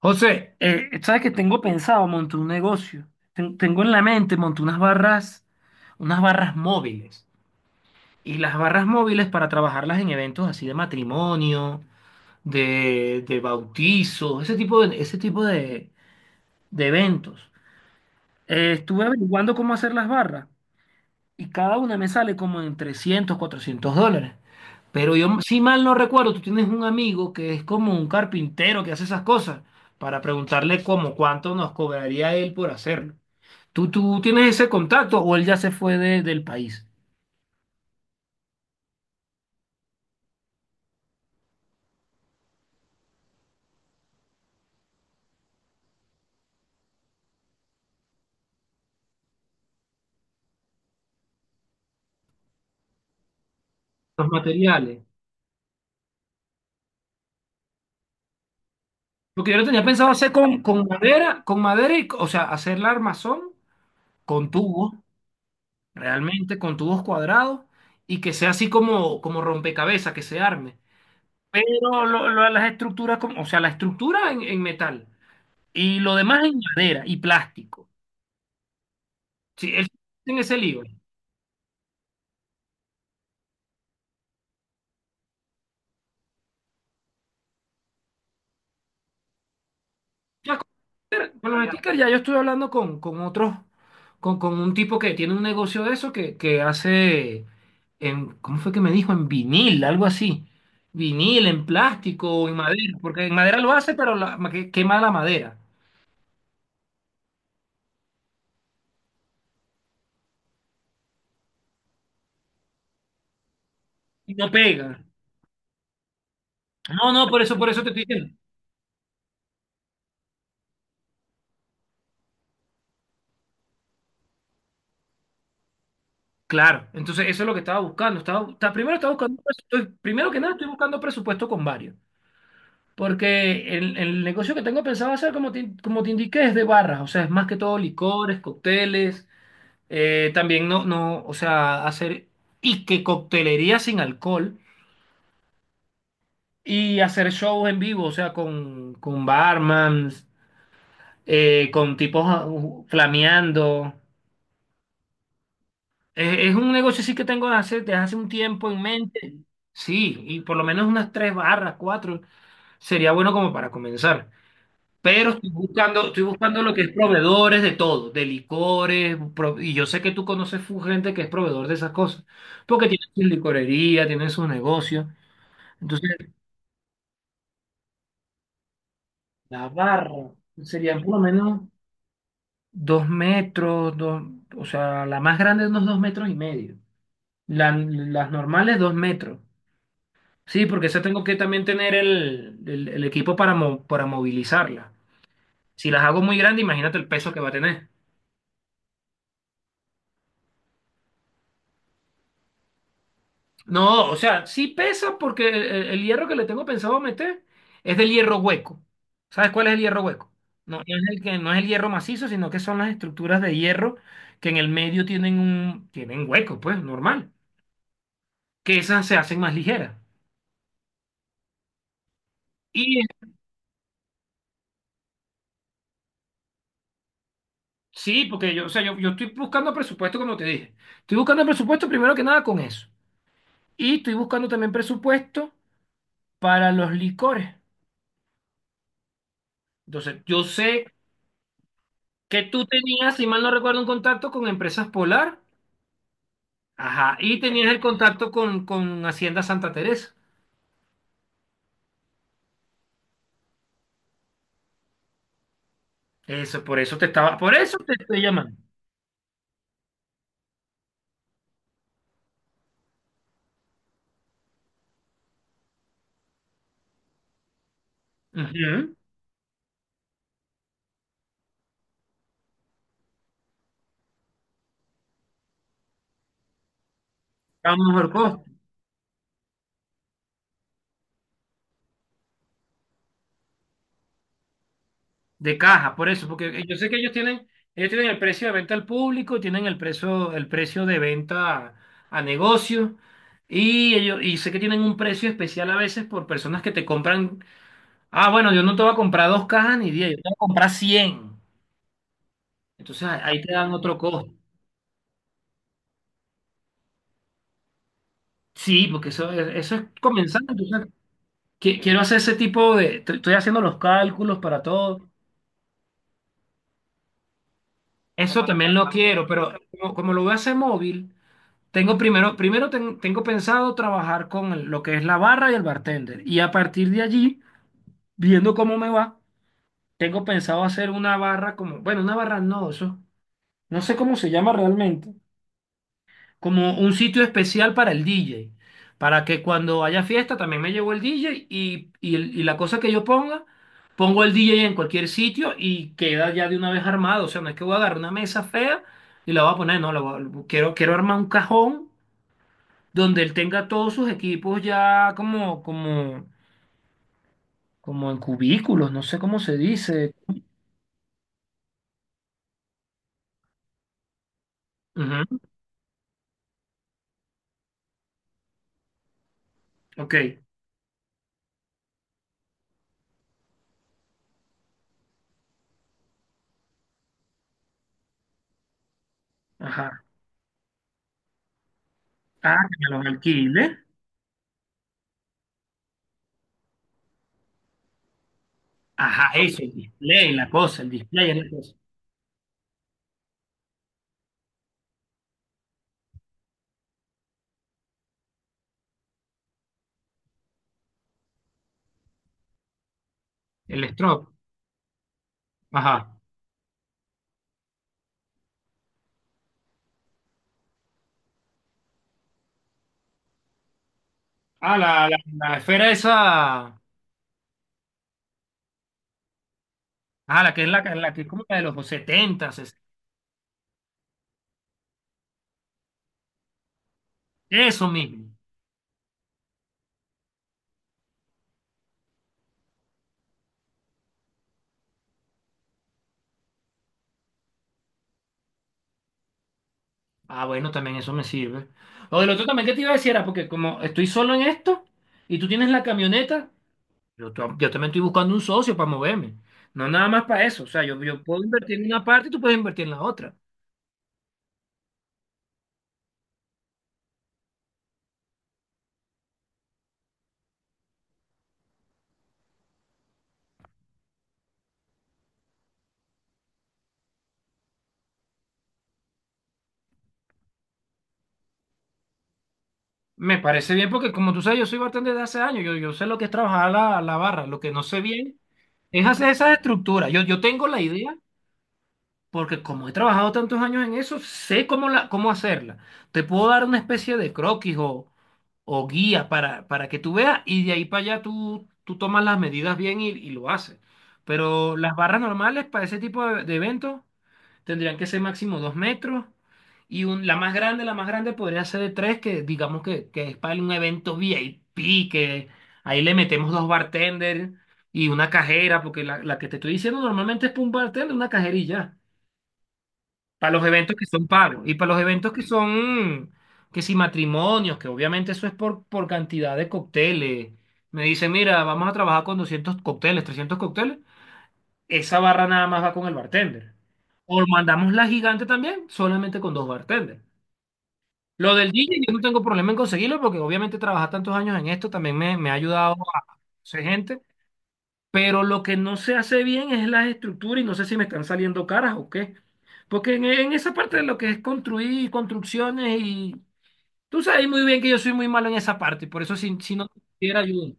José, sabes que tengo pensado montar un negocio. Tengo en la mente montar unas barras móviles. Y las barras móviles para trabajarlas en eventos así de matrimonio, de bautizos, ese tipo de eventos. Estuve averiguando cómo hacer las barras y cada una me sale como en $300 $400. Pero yo, si mal no recuerdo, tú tienes un amigo que es como un carpintero que hace esas cosas para preguntarle cómo, cuánto nos cobraría él por hacerlo. ¿Tú tienes ese contacto o él ya se fue del país? Los materiales. Porque yo lo tenía pensado hacer con madera, con madera y, o sea, hacer la armazón con tubos, realmente con tubos cuadrados y que sea así como, como rompecabezas, que se arme. Pero las estructuras, como, o sea, la estructura en metal y lo demás en madera y plástico. Sí, en ese lío. Ya con los stickers, ya yo estoy hablando con otros, con un tipo que tiene un negocio de eso que hace, en, ¿cómo fue que me dijo? En vinil, algo así. Vinil, en plástico, o en madera, porque en madera lo hace, pero quema la madera y no pega. No, no, por eso te estoy diciendo. Claro, entonces eso es lo que estaba buscando. Primero estaba buscando, primero que nada estoy buscando presupuesto con varios, porque el negocio que tengo pensado hacer, como te indiqué, es de barras, o sea, es más que todo licores, cócteles, también no, no, o sea, hacer y que coctelería sin alcohol y hacer shows en vivo, o sea, con barmans, con tipos flameando. Es un negocio sí que tengo desde hace un tiempo en mente. Sí, y por lo menos unas tres barras, cuatro, sería bueno como para comenzar. Pero estoy buscando lo que es proveedores de todo, de licores, y yo sé que tú conoces gente que es proveedor de esas cosas, porque tienen su licorería, tienen sus negocios. Entonces, la barra serían por lo menos 2 metros, dos, o sea, la más grande unos 2,5 metros. Las normales, 2 metros. Sí, porque eso tengo que también tener el equipo para movilizarla. Si las hago muy grandes, imagínate el peso que va a tener. No, o sea, sí pesa porque el hierro que le tengo pensado meter es del hierro hueco. ¿Sabes cuál es el hierro hueco? No, no es el que, no es el hierro macizo, sino que son las estructuras de hierro que en el medio tienen hueco, pues, normal. Que esas se hacen más ligeras. Y sí, porque yo, o sea, yo estoy buscando presupuesto, como te dije. Estoy buscando presupuesto primero que nada con eso. Y estoy buscando también presupuesto para los licores. Entonces, yo sé que tú tenías, si mal no recuerdo, un contacto con Empresas Polar. Ajá, y tenías el contacto con Hacienda Santa Teresa. Eso, por eso te estaba, por eso te estoy llamando. Ujú. A un mejor costo de caja, por eso, porque yo sé que ellos tienen el precio de venta al público, tienen el precio de venta a negocio, y sé que tienen un precio especial a veces por personas que te compran. Ah, bueno, yo no te voy a comprar dos cajas ni diez, yo te voy a comprar cien. Entonces ahí te dan otro costo. Sí, porque eso, eso es comenzando. Entonces, quiero hacer ese tipo de. Estoy haciendo los cálculos para todo. Eso también lo quiero, pero como lo voy a hacer móvil, tengo primero, primero ten- tengo pensado trabajar con lo que es la barra y el bartender. Y a partir de allí, viendo cómo me va, tengo pensado hacer una barra como. Bueno, una barra no, eso. No sé cómo se llama realmente. Como un sitio especial para el DJ, para que cuando haya fiesta también me llevo el DJ y la cosa que yo ponga, pongo el DJ en cualquier sitio y queda ya de una vez armado. O sea, no es que voy a agarrar una mesa fea y la voy a poner, no, quiero, quiero armar un cajón donde él tenga todos sus equipos ya como, como en cubículos, no sé cómo se dice. Ujú, ok, ajá. Ah, que me los alquile. Ajá, eso, el display, la cosa, el display, la cosa. El strobe. Ajá. Ah, la esfera esa. Ah, la que es como la de los 70, 60. Eso mismo. Ah, bueno, también eso me sirve. Lo del otro también que te iba a decir era porque como estoy solo en esto y tú tienes la camioneta, yo, yo también estoy buscando un socio para moverme. No nada más para eso. O sea, yo, puedo invertir en una parte y tú puedes invertir en la otra. Me parece bien porque como tú sabes, yo soy bartender de hace años. Yo sé lo que es trabajar la barra. Lo que no sé bien es hacer esas estructuras. Yo tengo la idea. Porque como he trabajado tantos años en eso, sé cómo, la, cómo hacerla. Te puedo dar una especie de croquis o guía para que tú veas y de ahí para allá tú tomas las medidas bien y lo haces. Pero las barras normales para ese tipo de eventos tendrían que ser máximo 2 metros y la más grande podría ser de tres, que digamos que es para un evento VIP, que ahí le metemos dos bartenders y una cajera, porque la que te estoy diciendo normalmente es para un bartender, una cajerilla. Para los eventos que son pagos y para los eventos que son, que si matrimonios, que obviamente eso es por cantidad de cócteles. Me dice, mira, vamos a trabajar con 200 cócteles, 300 cócteles. Esa barra nada más va con el bartender. O mandamos la gigante también, solamente con dos bartenders. Lo del DJ yo no tengo problema en conseguirlo porque obviamente trabajar tantos años en esto también me ha ayudado a ser gente. Pero lo que no se hace bien es la estructura y no sé si me están saliendo caras o qué. Porque en esa parte de lo que es construir, construcciones y... Tú sabes muy bien que yo soy muy malo en esa parte, por eso si no te quisiera ayuda.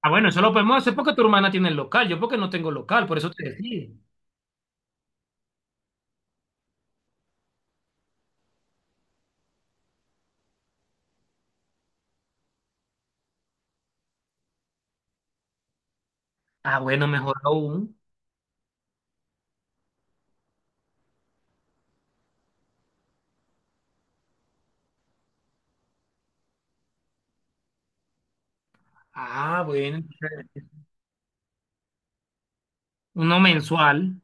Ah, bueno, eso lo podemos hacer porque tu hermana tiene el local, yo porque no tengo local, por eso te decía. Ah, bueno, mejor aún. Ah, bueno, entonces, uno mensual.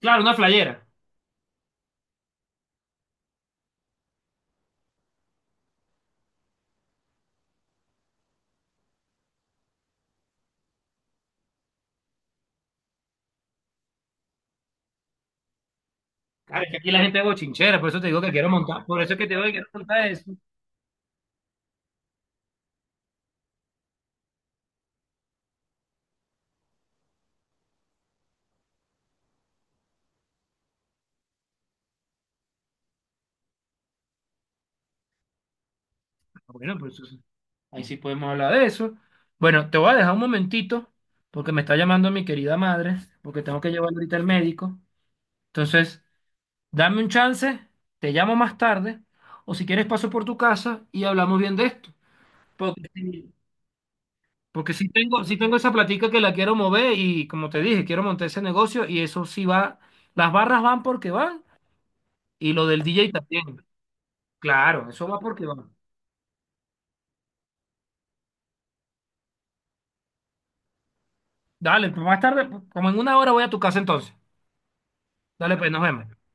Claro, una flayera. Claro, es que aquí la gente es bochinchera, por eso te digo que quiero montar, por eso es que te digo que quiero montar eso. Ah, bueno, por eso. Ahí sí podemos hablar de eso. Bueno, te voy a dejar un momentito porque me está llamando mi querida madre, porque tengo que llevar ahorita al médico. Entonces, dame un chance, te llamo más tarde, o si quieres paso por tu casa y hablamos bien de esto. Porque, sí- porque sí tengo esa platica que la quiero mover y como te dije, quiero montar ese negocio y eso sí va, las barras van porque van y lo del DJ también. Claro, eso va porque va. Dale, pues más tarde, como en una hora voy a tu casa entonces. Dale, pues nos vemos.